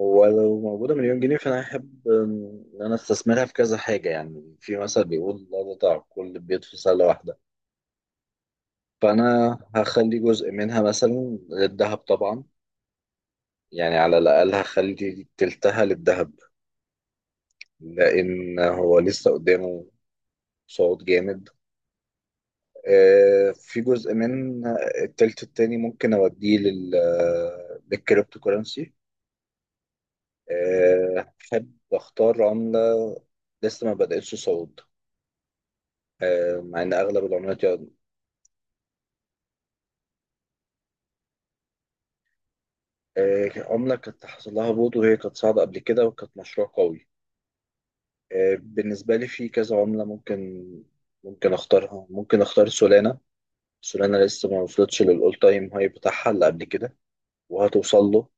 هو لو موجودة مليون جنيه فأنا أحب إن أنا أستثمرها في كذا حاجة، يعني في مثل بيقول لا تضع كل البيض في سلة واحدة. فأنا هخلي جزء منها مثلا للذهب طبعا، يعني على الأقل هخلي تلتها للذهب لأن هو لسه قدامه صعود جامد. في جزء من التلت التاني ممكن أوديه لل للكريبتو كورنسي. أحب أختار عملة لسه ما بدأتش صعود، مع ان اغلب العملات يقعد. عمله كانت حصل لها هبوط وهي كانت صاعده قبل كده وكانت مشروع قوي. بالنسبه لي في كذا عمله ممكن اختارها، ممكن اختار سولانا. سولانا لسه ما وصلتش للاول تايم هاي بتاعها اللي قبل كده وهتوصل له.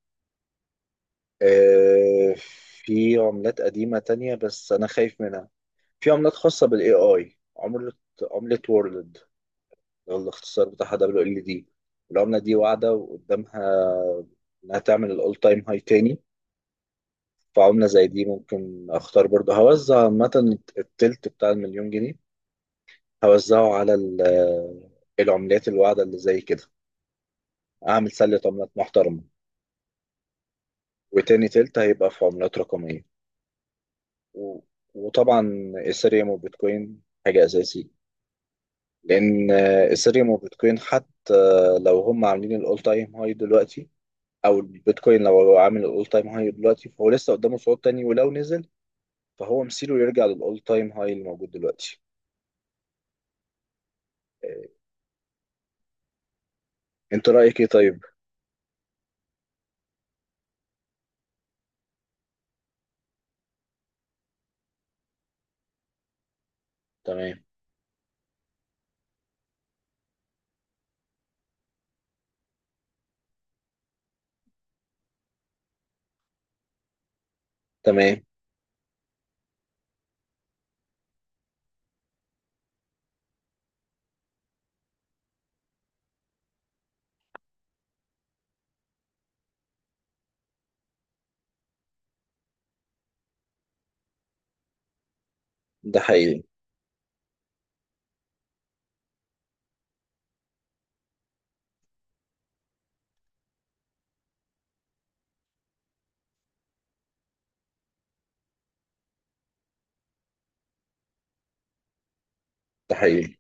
آه، في عملات قديمه تانية بس انا خايف منها. في عملات خاصه بالAI، عمله، عمله وورلد، الاختصار بتاعها WLD. العمله دي واعده وقدامها انها تعمل الاول تايم هاي تاني. في عملة زي دي ممكن اختار برضه. هوزع عامة التلت بتاع المليون جنيه، هوزعه على العملات الواعدة اللي زي كده، اعمل سلة عملات محترمة. وتاني تلت هيبقى في عملات رقمية. و... وطبعا ايثيريوم وبيتكوين حاجة اساسي، لان ايثيريوم وبيتكوين حتى لو هم عاملين الاول تايم هاي دلوقتي، او البيتكوين لو هو عامل الاول تايم هاي دلوقتي فهو لسه قدامه صعود تاني. ولو نزل فهو مصيره يرجع للاول تايم هاي اللي موجود دلوقتي. انت رأيك ايه طيب؟ تمام، تمام. ده حقيقي. ده حقيقي.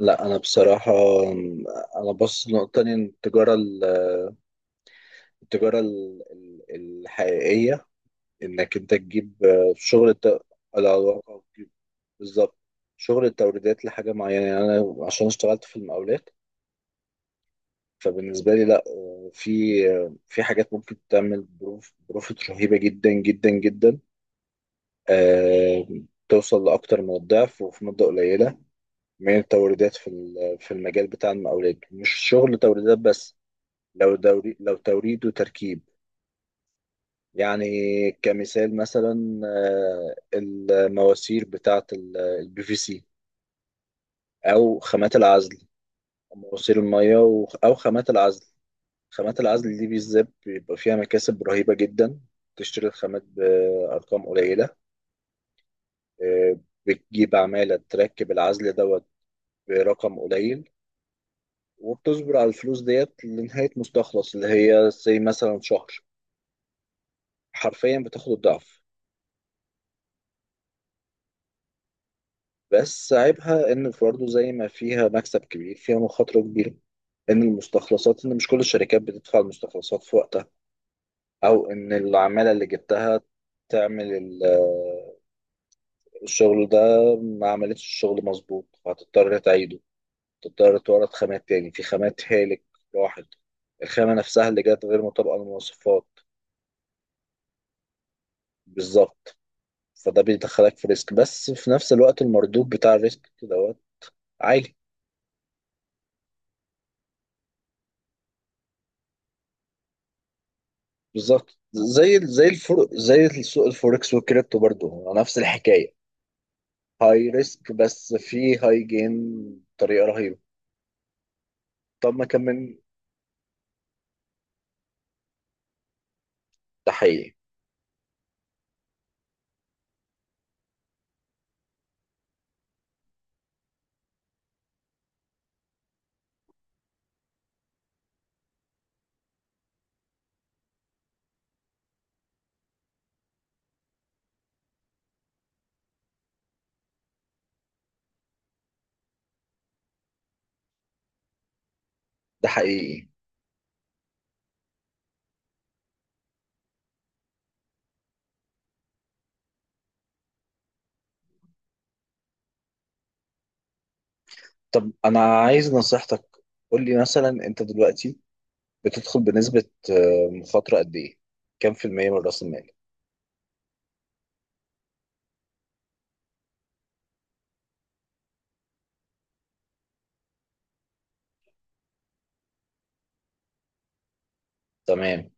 لا انا بصراحة، انا بص نقطة تانية. التجارة التجارة الحقيقية انك انت تجيب شغل على الواقع وتجيب بالظبط شغل التوريدات لحاجة معينة، يعني انا عشان اشتغلت في المقاولات فبالنسبة لي لا، في، في حاجات ممكن تعمل بروفيت رهيبة جدا جدا جدا، آه، توصل لأكتر من الضعف وفي مدة قليلة من التوريدات في في المجال بتاع المقاولات. مش شغل توريدات بس، لو دوري لو توريد وتركيب. يعني كمثال مثلا، المواسير بتاعة PVC، أو خامات العزل. مواسير المية أو خامات العزل. خامات العزل دي بالذات بيبقى فيها مكاسب رهيبة جدا. تشتري الخامات بأرقام قليلة، آه، بتجيب عمالة تركب العزل دوت برقم قليل، وبتصبر على الفلوس ديت لنهاية مستخلص اللي هي زي مثلا شهر. حرفيا بتاخد الضعف. بس عيبها إن برضه زي ما فيها مكسب كبير فيها مخاطرة كبيرة. إن المستخلصات، إن مش كل الشركات بتدفع المستخلصات في وقتها، أو إن العمالة اللي جبتها تعمل الشغل ده، ما عملتش الشغل مظبوط فهتضطر تعيده. تضطر تورد خامات تاني. في خامات هالك راحت، الخامة نفسها اللي جت غير مطابقة للمواصفات. بالظبط، فده بيدخلك في ريسك بس في نفس الوقت المردود بتاع الريسك دوت عالي. بالظبط، زي زي الفر زي السوق الفوركس والكريبتو برضو هو نفس الحكايه. هاي ريسك بس في هاي جين بطريقه رهيبه. طب ما كمل. ده حقيقي. ده حقيقي. طب انا عايز نصيحتك، قول لي مثلا انت دلوقتي بتدخل بنسبه مخاطره قد ايه؟ كام في المية من راس المال؟ تمام.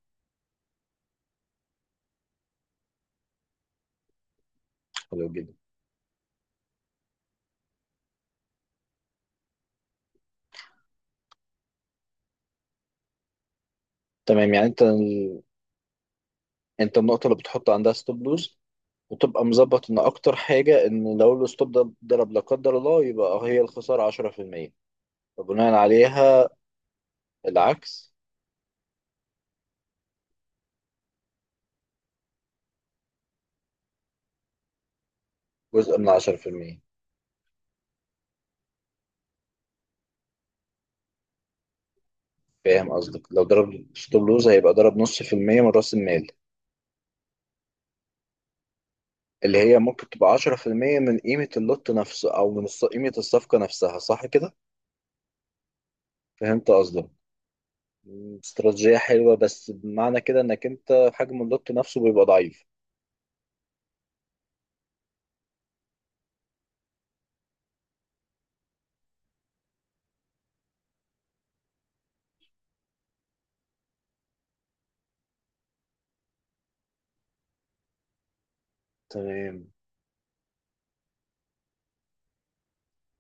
حلو جدا. تمام، يعني انت، انت النقطه اللي بتحط عندها ستوب لوز، وتبقى مظبط ان اكتر حاجه ان لو الستوب ده ضرب لا قدر الله يبقى هي الخساره 10%. فبناء عليها العكس، جزء من 10%. فاهم قصدك، لو ضرب ستوب لوز هيبقى ضرب نص في المية من راس المال اللي هي ممكن تبقى 10% من قيمه اللوت نفسه او من قيمه الصفقه نفسها، صح كده؟ فهمت قصدك. استراتيجيه حلوه بس بمعنى كده انك انت حجم اللوت نفسه بيبقى ضعيف. تمام.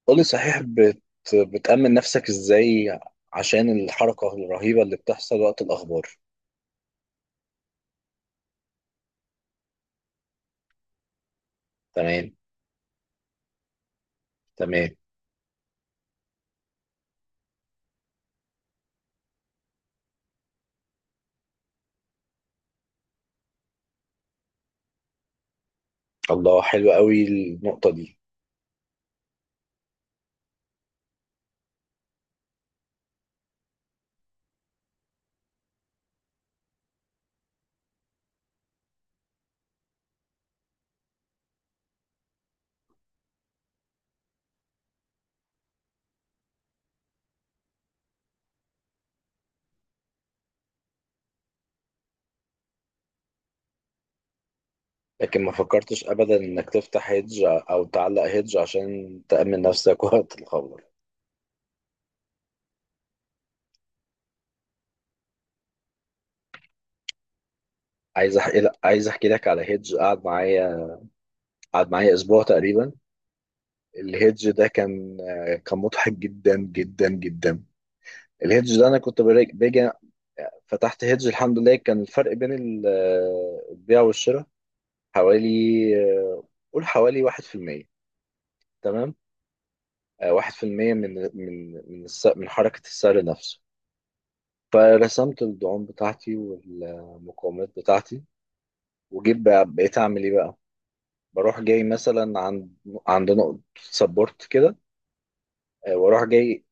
قولي صحيح، بتأمن نفسك ازاي عشان الحركة الرهيبة اللي بتحصل وقت الأخبار؟ تمام. تمام. الله، حلو قوي النقطة دي. لكن ما فكرتش أبدا إنك تفتح هيدج أو تعلق هيدج عشان تأمن نفسك وقت الخبر؟ عايز أحكي لك على هيدج قعد معايا، قعد معايا أسبوع تقريبا. الهيدج ده كان مضحك جدا جدا جدا. الهيدج ده أنا كنت باجي، فتحت هيدج. الحمد لله كان الفرق بين البيع والشراء حوالي، آه، قول حوالي واحد في المية. تمام. واحد في المية من من حركة السعر نفسه. فرسمت الدعوم بتاعتي والمقاومات بتاعتي، وجيت بقيت أعمل إيه بقى. بروح جاي مثلا عند، عند نقطة سبورت كده. واروح جاي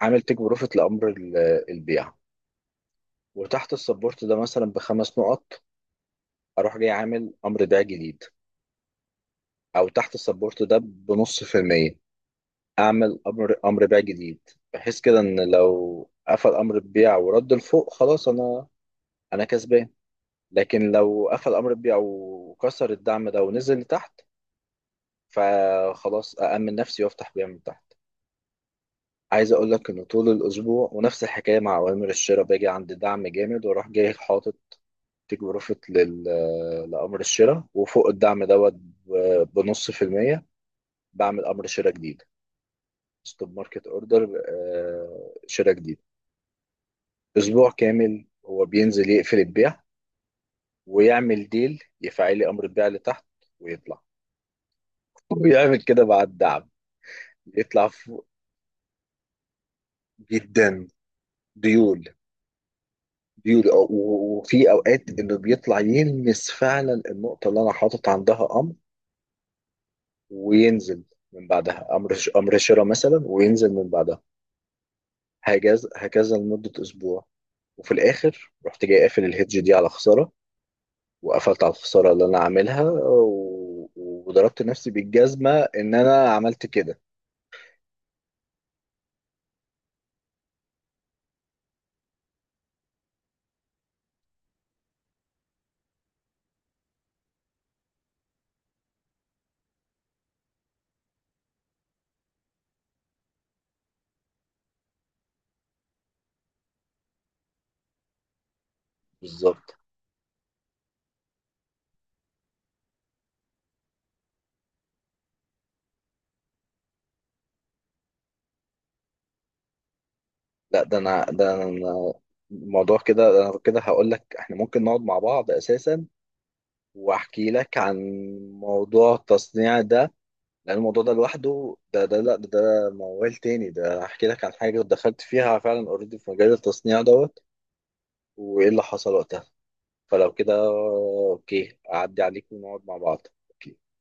عامل تيك بروفيت لأمر البيع. وتحت السبورت ده مثلا بخمس نقط أروح جاي عامل أمر بيع جديد. أو تحت السبورت ده بنص في المية اعمل امر بيع جديد، بحيث كده ان لو قفل امر البيع ورد لفوق خلاص انا، انا كسبان. لكن لو قفل امر البيع وكسر الدعم ده ونزل لتحت فخلاص أأمن نفسي وافتح بيع من تحت. عايز اقول لك ان طول الاسبوع ونفس الحكايه مع اوامر الشراء، باجي عند دعم جامد واروح جاي حاطط تيك بروفيت لامر الشراء وفوق الدعم دوت بنص في المية بعمل امر شراء جديد، ستوب ماركت اوردر، شراء جديد. اسبوع كامل هو بينزل يقفل البيع، ويعمل ديل يفعلي امر البيع لتحت ويطلع، ويعمل كده مع الدعم يطلع فوق. جدا. ديول، ديول وفي اوقات انه بيطلع يلمس فعلا النقطه اللي انا حاطط عندها امر وينزل من بعدها. امر امر شراء مثلا وينزل من بعدها. هكذا هكذا لمده اسبوع. وفي الاخر رحت جاي قافل الهيدج دي على خساره، وقفلت على الخساره اللي انا عاملها وضربت نفسي بالجزمه ان انا عملت كده. بالظبط. لا ده انا الموضوع كده، ده انا كده هقول لك احنا ممكن نقعد مع بعض اساسا واحكي لك عن موضوع التصنيع ده، لان الموضوع ده لوحده ده لا ده موال تاني. ده احكي لك عن حاجه دخلت فيها فعلا اوريدي في مجال التصنيع دوت وايه اللي حصل وقتها. فلو كده اوكي اعدي عليك ونقعد مع بعض أوكي.